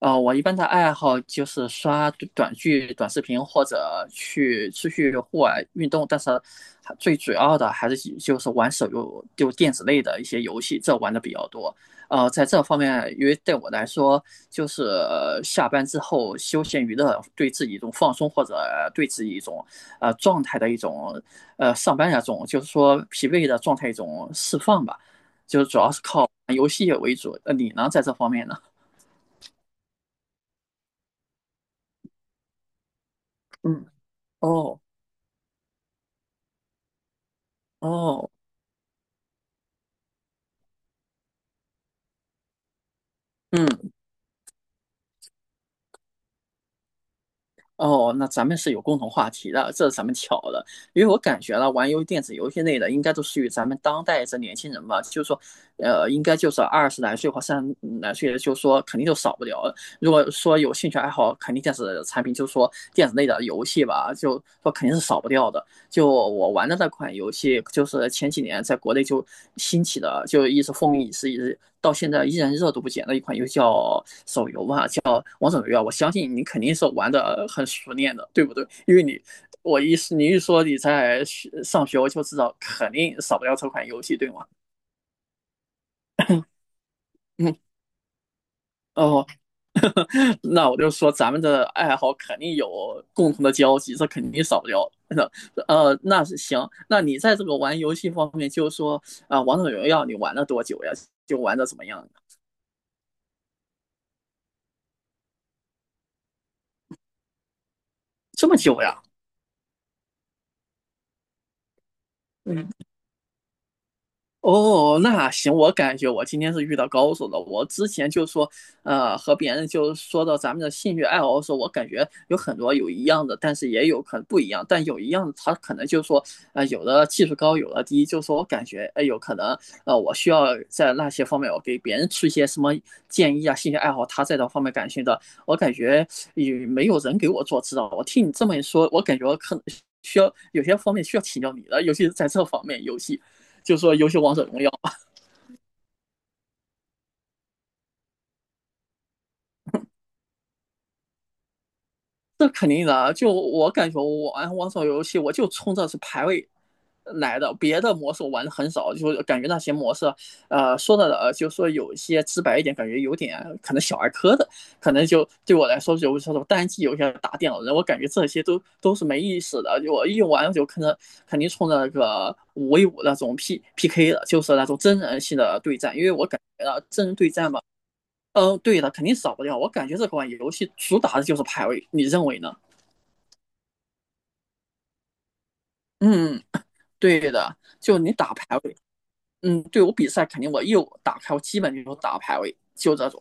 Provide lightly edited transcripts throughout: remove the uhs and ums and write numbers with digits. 我一般的爱好就是刷短剧、短视频，或者出去户外运动。但是还最主要的还是以就是玩手游，就电子类的一些游戏，这玩的比较多。在这方面，因为对我来说，就是下班之后休闲娱乐，对自己一种放松，或者对自己一种状态的一种上班那种，就是说疲惫的状态一种释放吧。就是主要是看游戏为主。你呢，在这方面呢？嗯。哦。哦。嗯。哦。那咱们是有共同话题的，这是咱们巧了，因为我感觉呢，玩电子游戏类的应该都属于咱们当代这年轻人吧，就是说，应该就是20来岁或30来岁的，就是说肯定就少不了了。如果说有兴趣爱好，肯定电子产品，就是说电子类的游戏吧，就说肯定是少不掉的。就我玩的那款游戏，就是前几年在国内就兴起的，就一直风靡一时，一直到现在依然热度不减的一款游戏叫手游吧，叫王者荣耀。我相信你肯定是玩的很熟练的，对不对？因为你，你一说你在上学，我就知道肯定少不了这款游戏，对吗？嗯。哦，那我就说咱们的爱好肯定有共同的交集，这肯定少不了的。那是行，那你在这个玩游戏方面，就是说啊，王者荣耀你玩了多久呀？就玩的怎么样？这么久呀？嗯。哦，那行，我感觉我今天是遇到高手了。我之前就说，和别人就说到咱们的兴趣爱好的时候，我感觉有很多有一样的，但是也有可能不一样。但有一样的，他可能就说，有的技术高，有的低。就说我感觉，哎，有可能，我需要在那些方面，我给别人出一些什么建议啊，兴趣爱好，他在这方面感兴趣的，我感觉也没有人给我做指导。我听你这么一说，我感觉我可能需要有些方面需要请教你的，尤其是在这方面游戏。就说游戏王者荣耀，这肯定的啊。就我感觉我玩王者游戏，我就冲着是排位来的，别的模式我玩的很少，就感觉那些模式，就说有一些直白一点，感觉有点可能小儿科的，可能就对我来说有时候单机游戏打电脑人，我感觉这些都是没意思的。我一玩就可能肯定冲着那个5v5那种 PPK 的，就是那种真人性的对战，因为我感觉到真人对战。嗯，对的，肯定少不掉。我感觉这款游戏主打的就是排位，你认为呢？嗯，对的，就你打排位。嗯，对我比赛肯定我一打开，我基本就是打排位，就这种。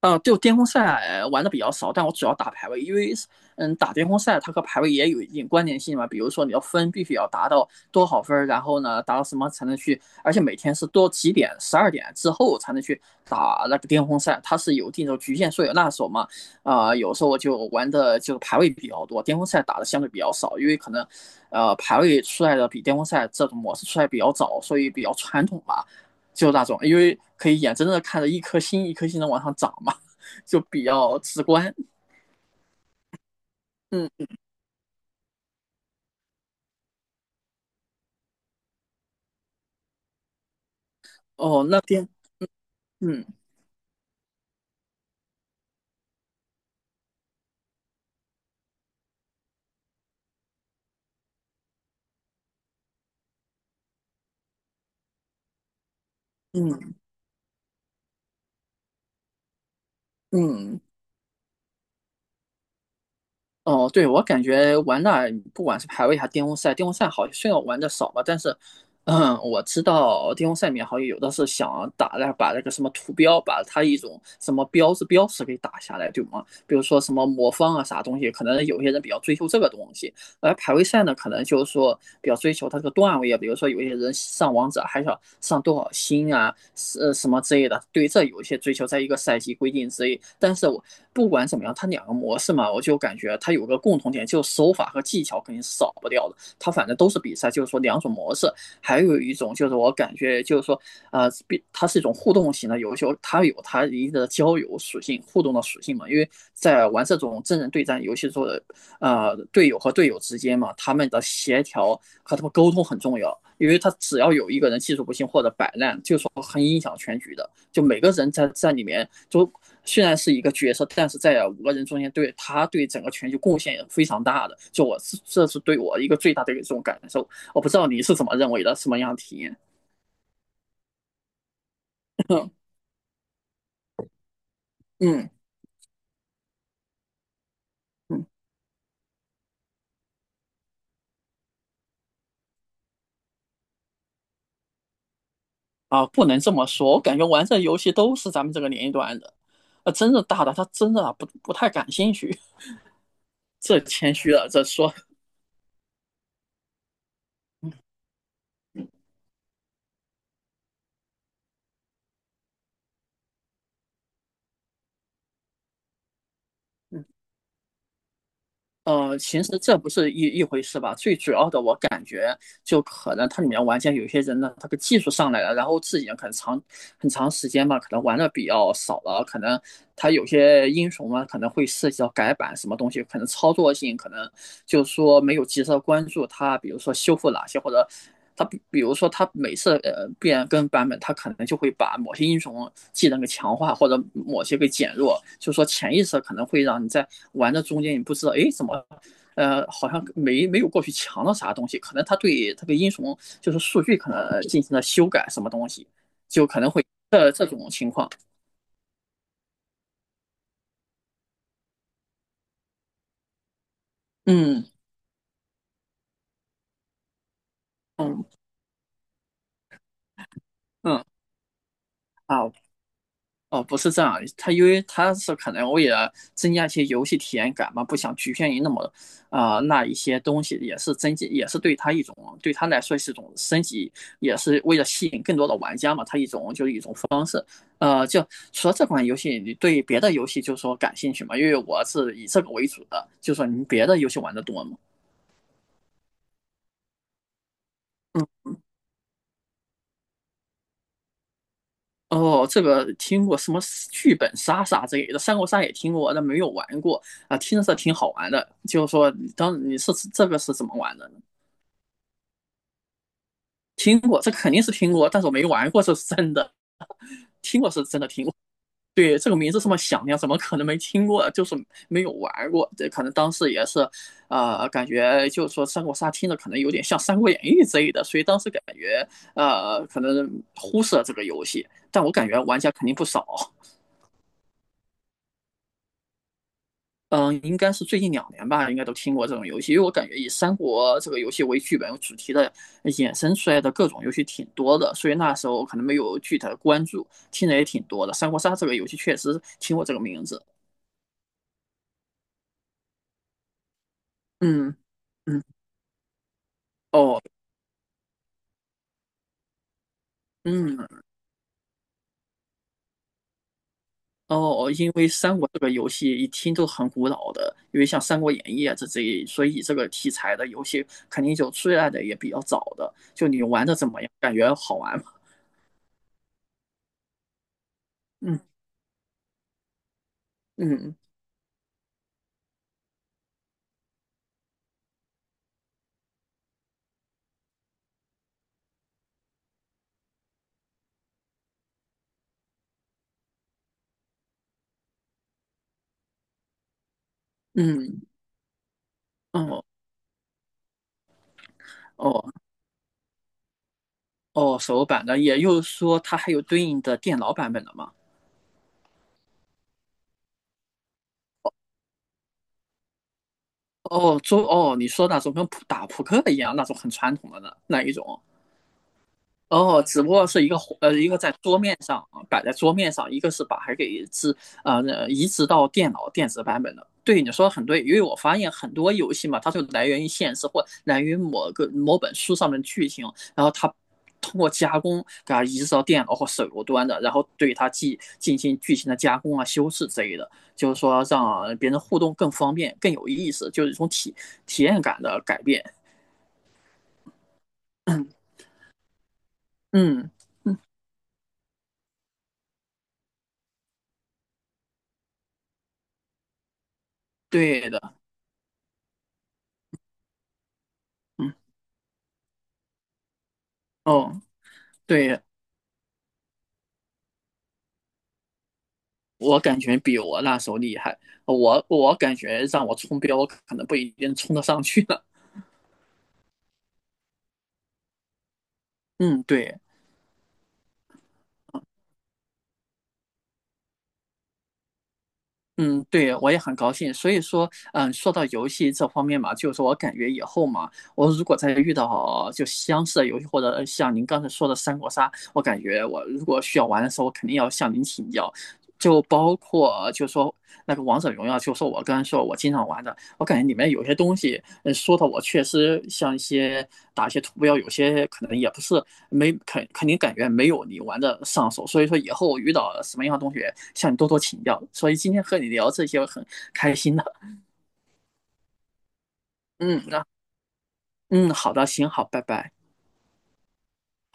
啊，就巅峰赛玩的比较少，但我主要打排位，因为嗯，打巅峰赛它和排位也有一定关联性嘛。比如说你要分必须要达到多少分，然后呢达到什么才能去，而且每天是多几点，12点之后才能去打那个巅峰赛，它是有一定的局限，所以那时候嘛，啊，有时候我就玩的就是排位比较多，巅峰赛打的相对比较少，因为可能排位出来的比巅峰赛这种模式出来比较早，所以比较传统吧。就那种，因为可以眼睁睁的看着一颗星一颗星的往上涨嘛，就比较直观。嗯。哦，那边。嗯。嗯。嗯。哦，对我感觉玩那不管是排位还是巅峰赛，巅峰赛好像虽然我玩的少吧，但是嗯，我知道巅峰赛里面好像有的是想打那把那个什么图标，把它一种什么标志标识给打下来，对吗？比如说什么魔方啊啥东西，可能有些人比较追求这个东西，而排位赛呢，可能就是说比较追求它这个段位啊，比如说有些人上王者还想上多少星啊，什么之类的，对这有一些追求，在一个赛季规定之内。但是我不管怎么样，它两个模式嘛，我就感觉它有个共同点，就是手法和技巧肯定是少不掉的。它反正都是比赛，就是说两种模式，还有一种就是我感觉就是说，呃，它是一种互动型的游戏，它有它一定的交友属性、互动的属性嘛，因为在玩这种真人对战游戏做的时候。队友和队友之间嘛，他们的协调和他们沟通很重要，因为他只要有一个人技术不行或者摆烂，就是说很影响全局的。就每个人在里面，就虽然是一个角色，但是在5个人中间对他对整个全局贡献也非常大的。就我这是对我一个最大的一种感受。我不知道你是怎么认为的，什么样的体验？嗯。嗯。啊，不能这么说，我感觉玩这游戏都是咱们这个年龄段的，真的大的他真的不太感兴趣。这谦虚了，这说，其实这不是一回事吧？最主要的，我感觉就可能它里面玩家有些人呢，他的技术上来了，然后自己可能长很长时间吧，可能玩的比较少了，可能他有些英雄嘛，可能会涉及到改版什么东西，可能操作性可能就是说没有及时的关注它，比如说修复哪些或者。他比如说，他每次变更版本，他可能就会把某些英雄技能给强化，或者某些给减弱。就是说潜意识可能会让你在玩的中间，你不知道，哎，怎么，好像没有过去强了啥东西？可能他对这个英雄就是数据可能进行了修改，什么东西，就可能会这种情况。嗯。嗯。嗯。啊。哦，不是这样，他因为他是可能为了增加一些游戏体验感嘛，不想局限于那么啊，那一些东西，也是增进，也是对他一种对他来说是一种升级，也是为了吸引更多的玩家嘛，他一种就是一种方式。就了这款游戏，你对别的游戏就是说感兴趣嘛？因为我是以这个为主的，就是说你别的游戏玩的多吗？哦，这个听过什么剧本杀啥之类的，三国杀也听过，但没有玩过啊。听着挺好玩的，就是说，当你是这个是怎么玩的呢？听过，这肯定是听过，但是我没玩过，这是真的。听过是真的听过，对这个名字这么响亮，怎么可能没听过？就是没有玩过，这可能当时也是，感觉就是说三国杀听着可能有点像《三国演义》之类的，所以当时感觉可能忽视了这个游戏，但我感觉玩家肯定不少。嗯，应该是最近2年吧，应该都听过这种游戏，因为我感觉以三国这个游戏为剧本主题的衍生出来的各种游戏挺多的，所以那时候可能没有具体的关注，听的也挺多的。三国杀这个游戏确实听过这个名字。嗯。嗯。哦。嗯。哦，因为三国这个游戏一听都很古老的，因为像《三国演义》啊这一，所以这个题材的游戏肯定就出来的也比较早的。就你玩的怎么样？感觉好玩吗？嗯。嗯。嗯。嗯。哦。哦。哦，手版的，也就是说它还有对应的电脑版本的吗？哦，你说那种跟打扑克一样那种很传统的呢，那一种？哦，只不过是一个一个在桌面上啊摆在桌面上，一个是把它给置呃呃移植到电脑电子版本的。对，你说的很对，因为我发现很多游戏嘛，它就来源于现实或来源于某个某本书上面的剧情，然后它通过加工给它移植到电脑或手游端的，然后对它进行剧情的加工啊、修饰之类的，就是说让别人互动更方便、更有意思，就是一种体验感的改变。嗯，对的。嗯。哦。对，我感觉比我那时候厉害，我感觉让我冲标，我可能不一定冲得上去了。嗯，对。嗯，对，我也很高兴。所以说，嗯，说到游戏这方面嘛，就是说我感觉以后嘛，我如果再遇到就相似的游戏，或者像您刚才说的三国杀，我感觉我如果需要玩的时候，我肯定要向您请教。就包括就说那个王者荣耀，就说我刚才说我经常玩的。我感觉里面有些东西，说的我确实像一些打一些图标，有些可能也不是没肯定感觉没有你玩的上手，所以说以后遇到什么样的同学向你多多请教。所以今天和你聊这些我很开心的。嗯，那嗯，好的，行，好，拜拜。